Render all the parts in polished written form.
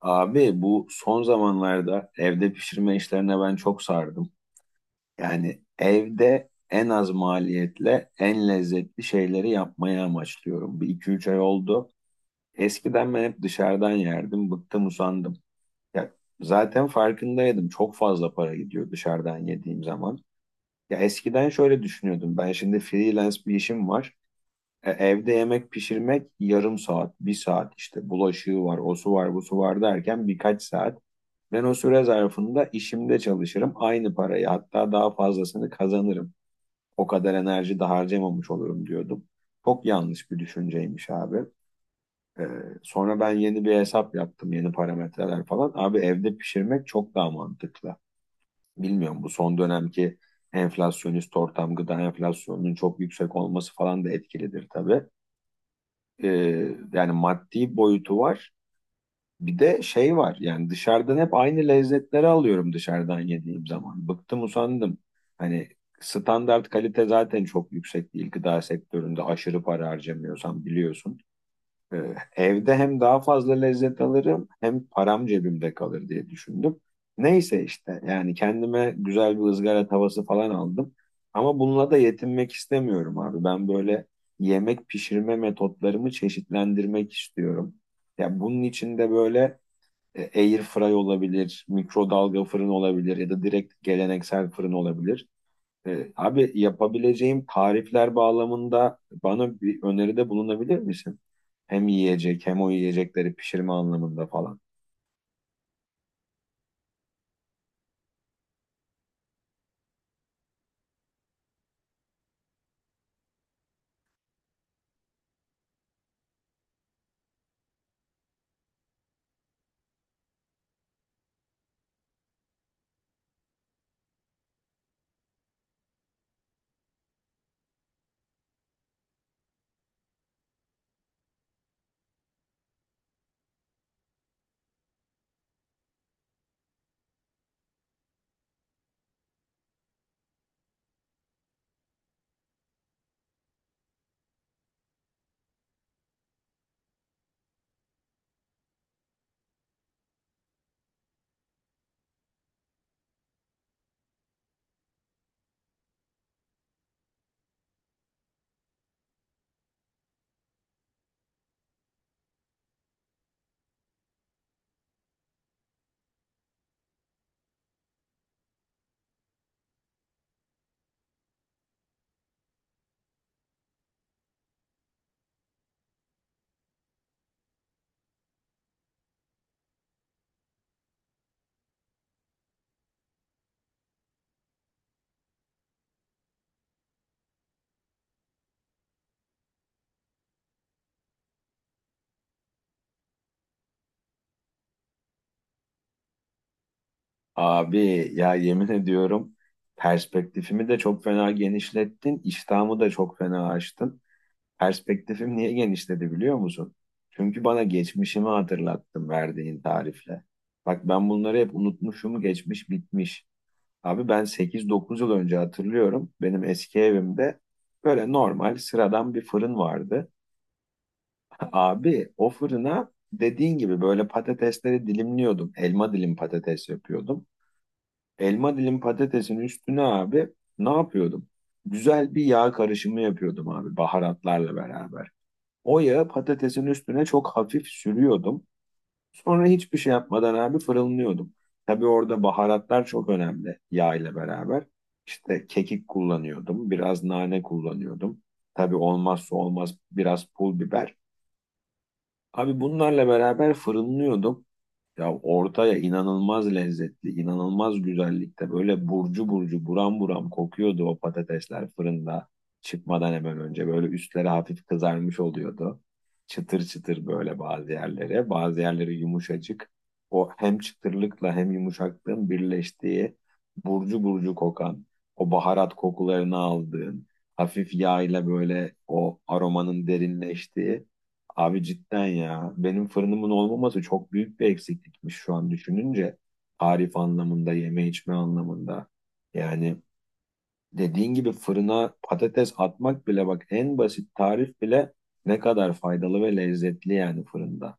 Abi bu son zamanlarda evde pişirme işlerine ben çok sardım. Yani evde en az maliyetle en lezzetli şeyleri yapmayı amaçlıyorum. Bir iki üç ay oldu. Eskiden ben hep dışarıdan yerdim. Bıktım usandım. Ya zaten farkındaydım. Çok fazla para gidiyor dışarıdan yediğim zaman. Ya eskiden şöyle düşünüyordum. Ben şimdi freelance bir işim var. Evde yemek pişirmek yarım saat, bir saat işte bulaşığı var, o su var, bu su var derken birkaç saat. Ben o süre zarfında işimde çalışırım. Aynı parayı hatta daha fazlasını kazanırım. O kadar enerji de harcamamış olurum diyordum. Çok yanlış bir düşünceymiş abi. Ee, Sonra ben yeni bir hesap yaptım. Yeni parametreler falan. Abi evde pişirmek çok daha mantıklı. Bilmiyorum bu son dönemki enflasyonist ortam gıda enflasyonunun çok yüksek olması falan da etkilidir tabii. Ee, Yani maddi boyutu var. Bir de şey var yani dışarıdan hep aynı lezzetleri alıyorum dışarıdan yediğim zaman. Bıktım usandım. Hani standart kalite zaten çok yüksek değil gıda sektöründe aşırı para harcamıyorsam biliyorsun. Evde hem daha fazla lezzet alırım hem param cebimde kalır diye düşündüm. Neyse işte yani kendime güzel bir ızgara tavası falan aldım. Ama bununla da yetinmek istemiyorum abi. Ben böyle yemek pişirme metotlarımı çeşitlendirmek istiyorum. Ya bunun için de böyle Air fry olabilir, mikrodalga fırın olabilir ya da direkt geleneksel fırın olabilir. Abi yapabileceğim tarifler bağlamında bana bir öneride bulunabilir misin? Hem yiyecek hem o yiyecekleri pişirme anlamında falan. Abi ya yemin ediyorum perspektifimi de çok fena genişlettin, iştahımı da çok fena açtın. Perspektifim niye genişledi biliyor musun? Çünkü bana geçmişimi hatırlattın verdiğin tarifle. Bak ben bunları hep unutmuşum, geçmiş bitmiş. Abi ben 8-9 yıl önce hatırlıyorum. Benim eski evimde böyle normal sıradan bir fırın vardı. Abi o fırına dediğin gibi böyle patatesleri dilimliyordum. Elma dilim patates yapıyordum. Elma dilim patatesin üstüne abi ne yapıyordum? Güzel bir yağ karışımı yapıyordum abi baharatlarla beraber. O yağı patatesin üstüne çok hafif sürüyordum. Sonra hiçbir şey yapmadan abi fırınlıyordum. Tabii orada baharatlar çok önemli yağ ile beraber. İşte kekik kullanıyordum, biraz nane kullanıyordum. Tabii olmazsa olmaz biraz pul biber. Abi bunlarla beraber fırınlıyordum. Ya ortaya inanılmaz lezzetli, inanılmaz güzellikte böyle burcu burcu buram buram kokuyordu o patatesler fırında çıkmadan hemen önce. Böyle üstleri hafif kızarmış oluyordu. Çıtır çıtır böyle bazı yerlere, bazı yerleri yumuşacık. O hem çıtırlıkla hem yumuşaklığın birleştiği burcu burcu kokan, o baharat kokularını aldığın, hafif yağ ile böyle o aromanın derinleştiği. Abi cidden ya. Benim fırınımın olmaması çok büyük bir eksiklikmiş şu an düşününce. Tarif anlamında, yeme içme anlamında. Yani dediğin gibi fırına patates atmak bile bak en basit tarif bile ne kadar faydalı ve lezzetli yani fırında.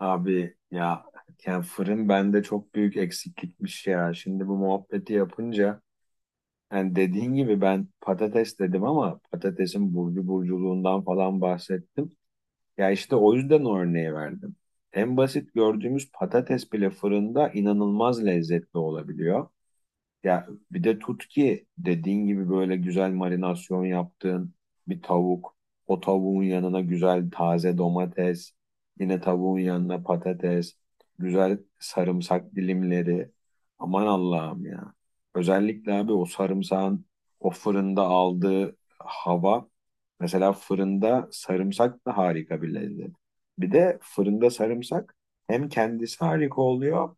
Abi ya yani fırın bende çok büyük eksiklikmiş ya. Şimdi bu muhabbeti yapınca yani dediğin gibi ben patates dedim ama patatesin burcu burculuğundan falan bahsettim. Ya işte o yüzden o örneği verdim. En basit gördüğümüz patates bile fırında inanılmaz lezzetli olabiliyor. Ya bir de tut ki dediğin gibi böyle güzel marinasyon yaptığın bir tavuk. O tavuğun yanına güzel taze domates, yine tavuğun yanına patates, güzel sarımsak dilimleri. Aman Allah'ım ya. Özellikle abi o sarımsağın o fırında aldığı hava. Mesela fırında sarımsak da harika bir lezzet. Bir de fırında sarımsak hem kendisi harika oluyor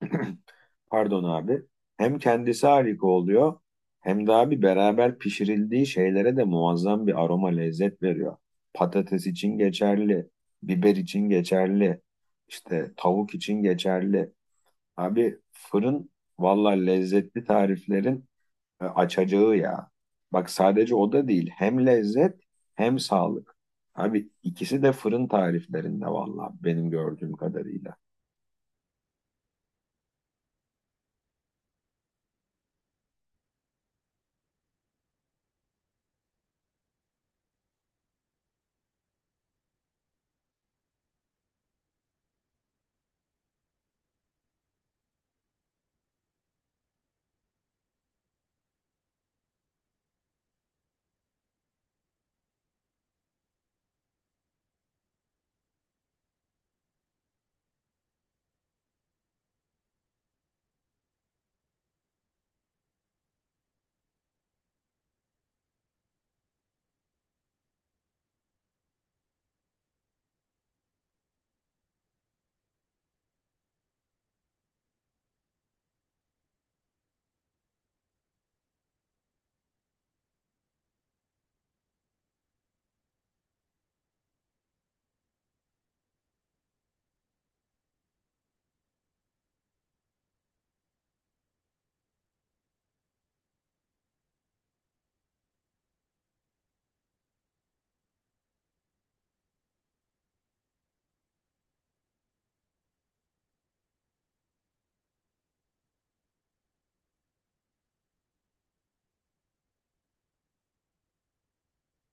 pardon abi. Hem kendisi harika oluyor hem de abi beraber pişirildiği şeylere de muazzam bir aroma lezzet veriyor. Patates için geçerli, biber için geçerli, işte tavuk için geçerli. Abi fırın valla lezzetli tariflerin açacağı ya. Bak sadece o da değil hem lezzet hem sağlık. Abi ikisi de fırın tariflerinde valla benim gördüğüm kadarıyla.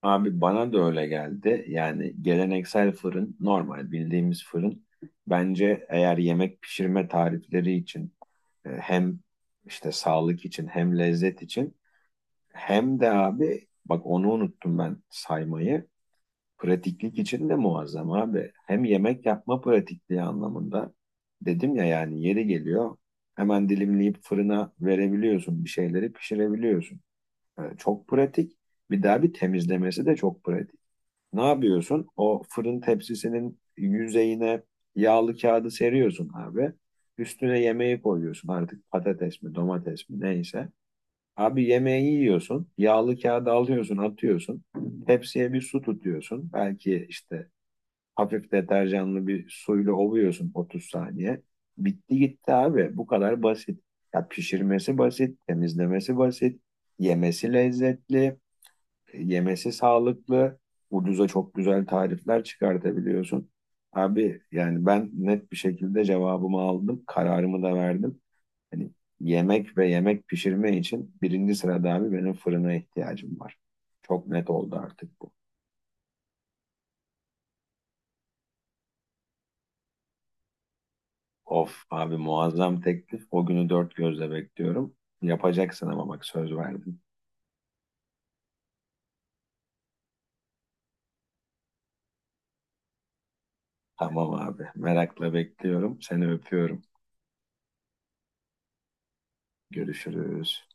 Abi bana da öyle geldi. Yani geleneksel fırın, normal bildiğimiz fırın bence eğer yemek pişirme tarifleri için hem işte sağlık için hem lezzet için hem de abi bak onu unuttum ben saymayı. Pratiklik için de muazzam abi. Hem yemek yapma pratikliği anlamında dedim ya yani yeri geliyor hemen dilimleyip fırına verebiliyorsun bir şeyleri pişirebiliyorsun. Çok pratik. Bir daha bir temizlemesi de çok pratik. Ne yapıyorsun? O fırın tepsisinin yüzeyine yağlı kağıdı seriyorsun abi. Üstüne yemeği koyuyorsun artık patates mi domates mi neyse. Abi yemeği yiyorsun. Yağlı kağıdı alıyorsun atıyorsun. Tepsiye bir su tutuyorsun. Belki işte hafif deterjanlı bir suyla ovuyorsun 30 saniye. Bitti gitti abi. Bu kadar basit. Ya pişirmesi basit, temizlemesi basit, yemesi lezzetli. Yemesi sağlıklı. Ucuza çok güzel tarifler çıkartabiliyorsun. Abi yani ben net bir şekilde cevabımı aldım. Kararımı da verdim. Hani yemek ve yemek pişirme için birinci sırada abi benim fırına ihtiyacım var. Çok net oldu artık bu. Of abi muazzam teklif. O günü dört gözle bekliyorum. Yapacaksın ama bak söz verdim. Tamam abi. Merakla bekliyorum. Seni öpüyorum. Görüşürüz.